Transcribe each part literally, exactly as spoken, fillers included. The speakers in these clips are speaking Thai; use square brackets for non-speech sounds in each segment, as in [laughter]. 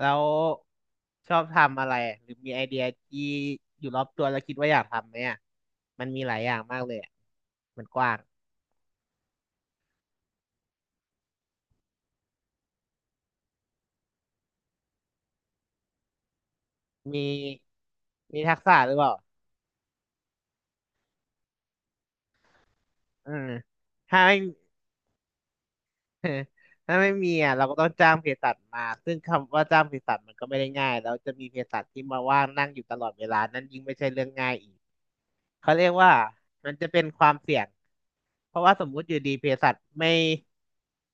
แล้วชอบทำอะไรหรือมีไอเดียที่อยู่รอบตัวแล้วคิดว่าอยากทำไหมอ่ะมันมีหลายอย่างมากเลยอะมันกว้าง มีมีทักษะหรือเปล่าเออถ้าไม่ [laughs] ถ้าไม่มีอ่ะเราก็ต้องจ้างเภสัชมา ซึ่งคำว่าจ้างเภสัชมันก็ไม่ได้ง่ายแล้วจะมีเภสัชที่มาว่างนั่งอยู่ตลอดเวลานั่นยิ่งไม่ใช่เรื่องง่ายอีก เขาเรียกว่ามันจะเป็นความเสี่ยงเพราะว่าสมมุติอยู่ดีเภสัชไม่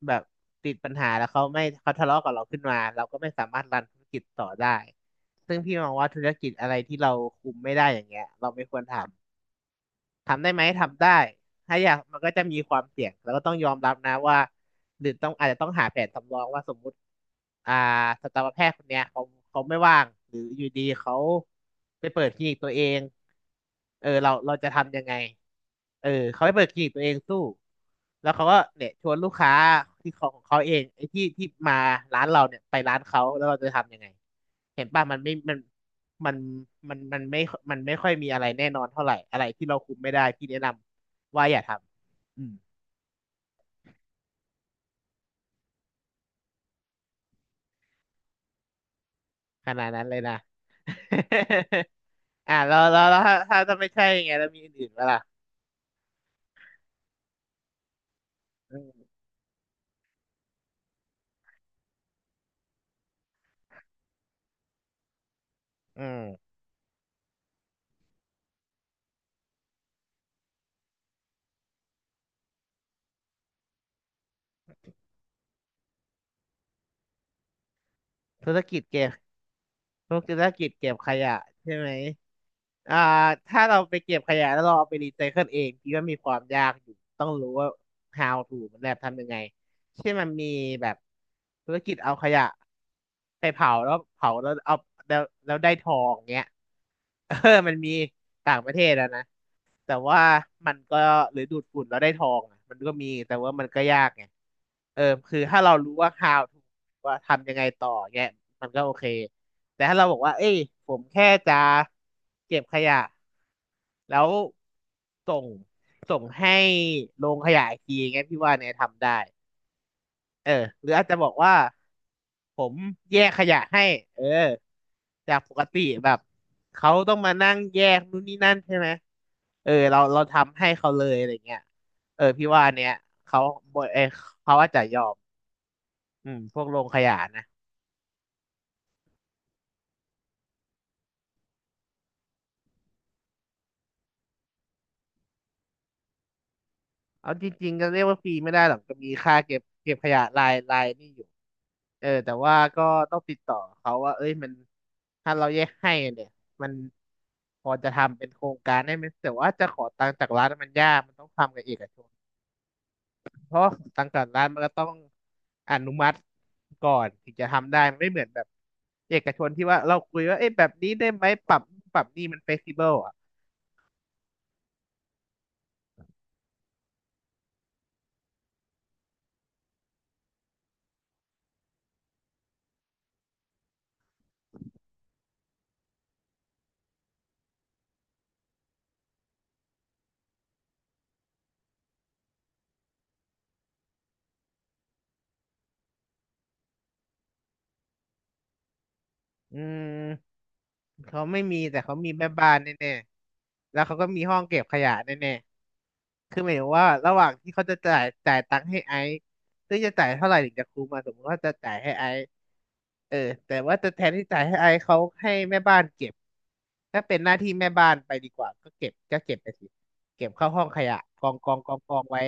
แบบติดปัญหาแล้วเขาไม่เขาทะเลาะกับเราขึ้นมาเราก็ไม่สามารถรันธุรกิจต่อได้ซึ่งพี่มองว่าธุรกิจอะไรที่เราคุมไม่ได้อย่างเงี้ยเราไม่ควรทำ ทำได้ไหมทำได้ถ้าอยากมันก็จะมีความเสี่ยงแล้วก็ต้องยอมรับนะว่าหรือต้องอาจจะต้องหาแผนสำรองว่าสมมุติอ่าสัตวแพทย์คนเนี้ยเขาเขาไม่ว่างหรืออยู่ดีเขาไปเปิดคลินิกตัวเองเออเราเราจะทำยังไงเออเขาไปเปิดคลินิกตัวเองสู้แล้วเขาก็เนี่ยชวนลูกค้าที่ของของเขาเองไอ้ที่ที่มาร้านเราเนี่ยไปร้านเขาแล้วเราจะทำยังไงเห็นป่ะมันไม่มัน มันมันมันไม่มันไม่ค่อยมีอะไรแน่นอนเท่าไหร่อะไรที่เราคุมไม่ได้พี่แนะนำว่าอย่าทำอืมขนาดนั้นเลยนะ [laughs] อ่าแล้วแล้วแล้วถ้าถ้าจะไม่ใช่ไงแล้วมีอื่นๆปะล่ะอืมอืมธุรกิจเกม พวกธุรกิจเก็บขยะใช่ไหมอ่าถ้าเราไปเก็บขยะแล้วเราเอาไปรีไซเคิลเองพี่ว่ามีความยากอยู่ต้องรู้ว่า how to มันแบบทำยังไงเช่นมันมีแบบธุรกิจเอาขยะไปเผาแล้วเผาแล้วเอาแล้วแล้วได้ทองเงี้ย [laughs] เออมันมีต่างประเทศแล้วนะแต่ว่ามันก็หรือดูดฝุ่นแล้วได้ทองอะมันก็มีแต่ว่ามันก็ยากไงเออคือถ้าเรารู้ว่า how to ว่าทำยังไงต่อเงี้ยมันก็โอเค แต่ถ้าเราบอกว่า เอ้ยผมแค่จะเก็บขยะแล้วส่งส่งให้โรงขยะอีกทีอย่างเงี้ยพี่ว่าเนี่ยทำได้ เออ หรืออาจจะบอกว่าผมแยกขยะให้เออจากปกติแบบเขาต้องมานั่งแยกนู่นนี่นั่นใช่ไหม เออเราเราทำให้เขาเลยอะไรเงี้ยเออพี่ว่าเนี่ยเขาเออเขาอาจจะยอมอืมพวกโรงขยะนะ เอาจริงๆก็เรียกว่าฟรีไม่ได้หรอกก็มีค่าเก็บเก็บขยะรายรายนี่อยู่เออแต่ว่าก็ต้องติดต่อเขาว่าเอ้ยมันถ้าเราแยกให้เนี่ยมันพอจะทำเป็นโครงการได้ไหมแต่ว่าจะขอตังค์จากรัฐมันยากมันต้องทำกับเอกชนเพราะตังค์จากรัฐมันก็ต้องอนุมัติก่อนถึงจะทำได้มันไม่เหมือนแบบเอกชนที่ว่าเราคุยว่าเอ้ยแบบนี้ได้ไหมปรับปรับนี่มันเฟกซิเบิลอ่ะ อืมเขาไม่มีแต่เขามีแม่บ้านแน่ๆแล้วเขาก็มีห้องเก็บขยะแน่ๆคือหมายถึงว่าระหว่างที่เขาจะจ่ายจ่ายตังค์ให้ไอซ์ซึ่งจะจ่ายเท่าไหร่ถึงจะคุ้มมาสมมติว่าจะจ่ายให้ไอซ์เออแต่ว่าจะแทนที่จ่ายให้ไอซ์เขาให้แม่บ้านเก็บถ้าเป็นหน้าที่แม่บ้านไปดีกว่าก็เก็บก็เก็บไปสิเก็บเข้าห้องขยะกองกองกองกองไว้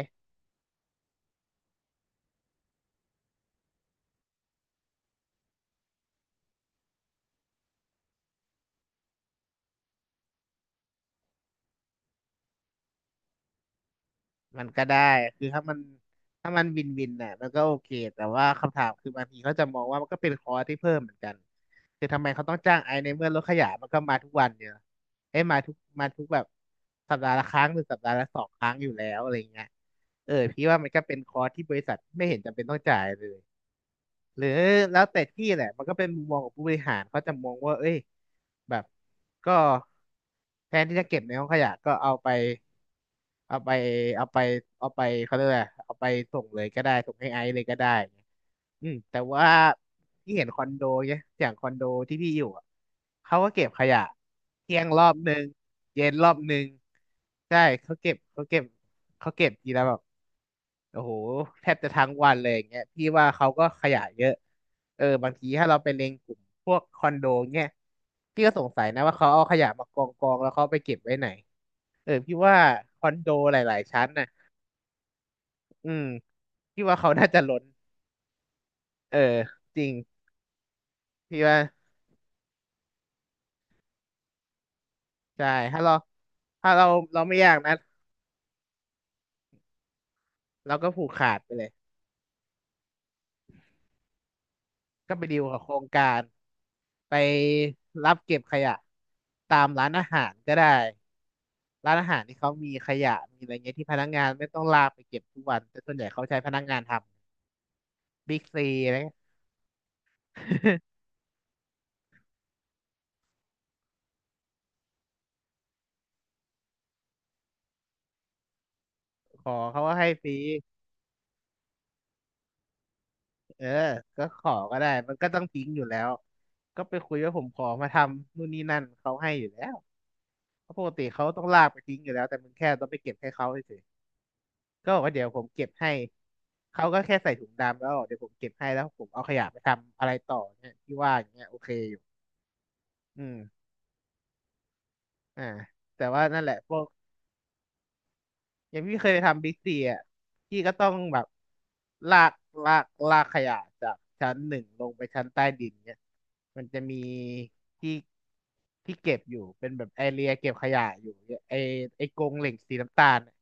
มันก็ได้คือถ้ามันถ้ามันวินวินน่ะมันก็โอเคแต่ว่าคำถามคือบางทีเขาจะมองว่ามันก็เป็นคอร์สที่เพิ่มเหมือนกันคือทำไมเขาต้องจ้างไอซ์ในเมื่อรถขยะมันก็มาทุกวันเนี่ยเอ้ยมาทุกมาทุกแบบสัปดาห์ละครั้งหรือสัปดาห์ละสองครั้งอยู่แล้วอะไรเงี้ยเออพี่ว่ามันก็เป็นคอร์สที่บริษัทไม่เห็นจำเป็นต้องจ่ายเลยหรือแล้วแต่ที่แหละมันก็เป็นมุมมองของผู้บริหารเขาจะมองว่าเอ้ยแบบก็แทนที่จะเก็บในห้องขยะก็เอาไป เอาไปเอาไปเอาไปเขาเรียกอะไรเอาไปส่งเลยก็ได้ส่งให้ไอซ์เลยก็ได้เงี้ยอืมแต่ว่าที่เห็นคอนโดเนี่ยอย่างคอนโดที่พี่อยู่อะเขาก็เก็บขยะเที่ยงรอบหนึ่งเย็นรอบหนึ่งใช่เขาเก็บเขาเก็บเขาเก็บทีละแบบ โอ้โหแทบจะทั้งวันเลยอย่างเงี้ยพี่ว่าเขาก็ขยะเยอะเออบางทีถ้าเราไปเล็งกลุ่มพวกคอนโดเงี้ยพี่ก็สงสัยนะว่าเขาเอาขยะมากองกองแล้วเขาไปเก็บไว้ไหนเออพี่ว่าคอนโดหลายๆชั้นน่ะอืมพี่ว่าเขาน่าจะล้นเออจริงพี่ว่าใช่ถ้าเราถ้าเราเราไม่อยากนะเราก็ผูกขาดไปเลย ก็ไปดีลกับโครงการไปรับเก็บขยะตามร้านอาหารก็ได้ร้านอาหารที่เขามีขยะมีอะไรเงี้ยที่พนักงานไม่ต้องลากไปเก็บทุกวันแต่ส่วนใหญ่เขาใช้พนักงานทำบิ๊กซีอะไรเงี้ย [laughs] ขอเขาก็ให้ฟรีเออก็ขอก็ได้มันก็ต้องทิ้งอยู่แล้วก็ไปคุยว่าผมขอมาทำนู่นนี่นั่นเขาให้อยู่แล้วเพราะปกติเขาต้องลากไปทิ้งอยู่แล้วแต่มึงแค่ต้องไปเก็บให้เขาเฉย ก็บอกว่าเดี๋ยวผมเก็บให้ เขาก็แค่ใส่ถุงดำแล้วบอกเดี๋ยวผมเก็บให้แล้วผมเอาขยะไปทำอะไรต่อเนี่ยที่ว่าอย่างเงี้ยโอเคอยู่อืมอ่าแต่ว่านั่นแหละพวกอย่างพี่เคยไปทำบิ๊กซีอ่ะพี่ก็ต้องแบบลากลากลากขยะจากชั้นหนึ่งลงไปชั้นใต้ดินเนี่ยมันจะมีที่ที่เก็บอยู่เป็นแบบไอเรียเก็บขยะอยู่เนี่ยไอไอกรงเหล็กสีน้ำตาลน่ะ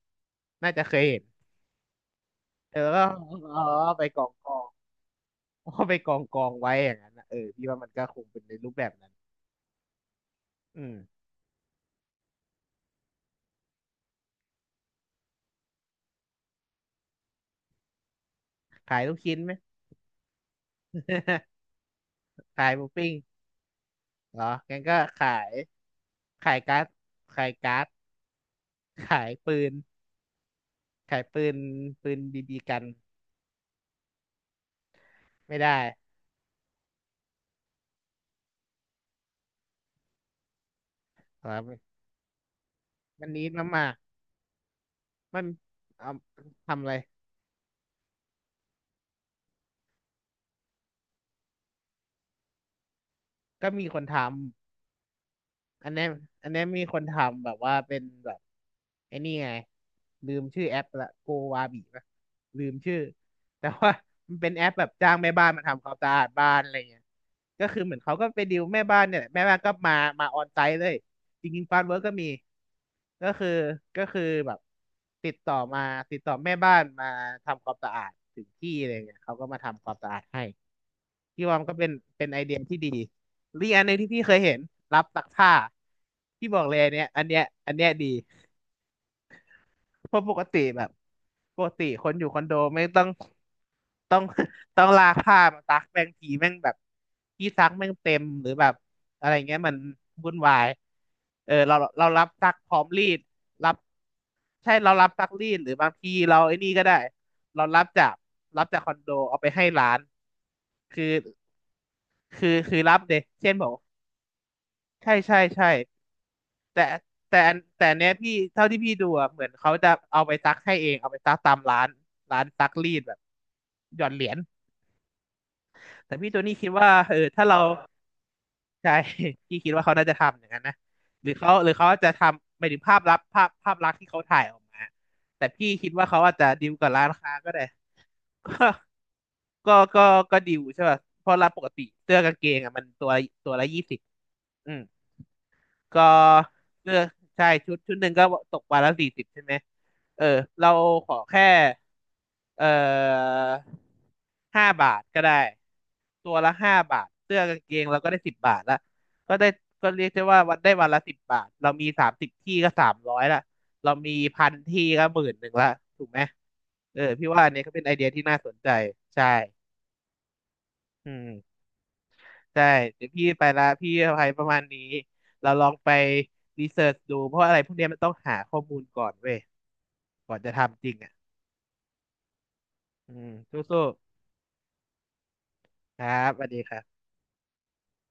น่าจะเคยเห็นเออแล้วก็เอาไปกองกอง เอาไปกองกองไว้อย่างนั้นนะเออพี่ว่ามันก็คงเป็นในรูปแบบนั้นอืมขายลูกชิ้นไหม [laughs] ขายหมูปิ้งเหรองั้นก็ขายขายการ์ดขายการ์ดขายปืนขายปืนปืนบีบีกันไม่ได้เหรอวันนี้น้ำมามันเอาทำอะไรก็มีคนท อันเนี้ยอันเนี้ยมีคนทำแบบว่าเป็นแบบไอ้นี่ไงลืมชื่อแอปละโกวาบีปะลืมชื่อแต่ว่ามันเป็นแอปแบบจ้างแม่บ้านมาทำความสะอาดบ้านอะไรเงี้ยก็คือเหมือนเขาก็ไปดิวแม่บ้านเนี่ยแหละแม่บ้านก็มามาออนไซต์เลยจริงๆฟาร์มเวิร์กก็มีก็คือก็คือแบบติดต่อมาติดต่อแม่บ้านมาทำความสะอาดถึงที่อะไรเงี้ยเขาก็มาทำความสะอาดให้ พี่ว่ามันก็เป็นเป็นไอเดียที่ดีหรืออกอันหนึงที่พี่เคยเห็นรับซักผ้าพี่บอกเลยอันเนี้ยอันเนี้ยอันเนี้ยดีเพราะปกติแบบปกติคนอยู่คอนโดไม่ต้องต้อง [laughs] ต้องลากผ้ามาซักแม่งทีแม่งแบบที่ซักแม่งเต็มหรือแบบอะไรเงี้ยมันวุ่นวายเออเราเรารับซักพร้อมรีดรับใช่เรารับซักรีดหรือบางทีเราไอ้นี่ก็ได้เรารับจากรับจากคอนโดเอาไปให้ร้านคือ คือคือรับเดยเช่นบอกใช่ใช่ใช่แต่แต่อันแต่อันเนี้ยพี่เท่าที่พี่ดูอะเหมือนเขาจะเอาไปซักให้เองเอาไปซักตามร้านร้านซักรีดแบบหย่อนเหรียญแต่พี่ตัวนี้คิดว่าเออถ้าเราใช่ [laughs] พี่คิดว่าเขาน่าจะทำอย่างนั้นนะหรือเขาหรือเขาจะทำหมายถึงภาพลับภาพภาพลักษณ์ที่เขาถ่ายออกมาแต่พี่คิดว่าเขาอาจจะดีลกับร้านค้าก็ได้ [laughs] ก็ก็ก็ก็ดีลใช่ป่ะเพราะร้านปกติเสื้อกางเกงอ่ะมันตัวตัวละยี่สิบอืม ก็เลือกใช่ชุดชุดหนึ่งก็ตกวันละสี่สิบใช่ไหมเออเราขอแค่เอ่อห้าบาทก็ได้ตัวละห้าบาทเสื้อกางเกงเราก็ได้สิบบาทละก็ได้ก็เรียกได้ว่าวันได้วันละสิบบาทเรามีสามสิบที่ก็สามร้อยละเรามีพันที่ก็หมื่นหนึ่งละถูกไหมเออพี่ว่าอันนี้ก็เป็นไอเดียที่น่าสนใจใช่อืม ใช่เดี๋ยวพี่ไปละพี่อภัยประมาณนี้เราลองไปรีเสิร์ชดูเพราะอะไรพวกเนี้ยมันต้องหาข้อมูลก่อนเว้ยก่อนจะทำจริงอ่ะอืมสู้ๆครับสวัสดีครับ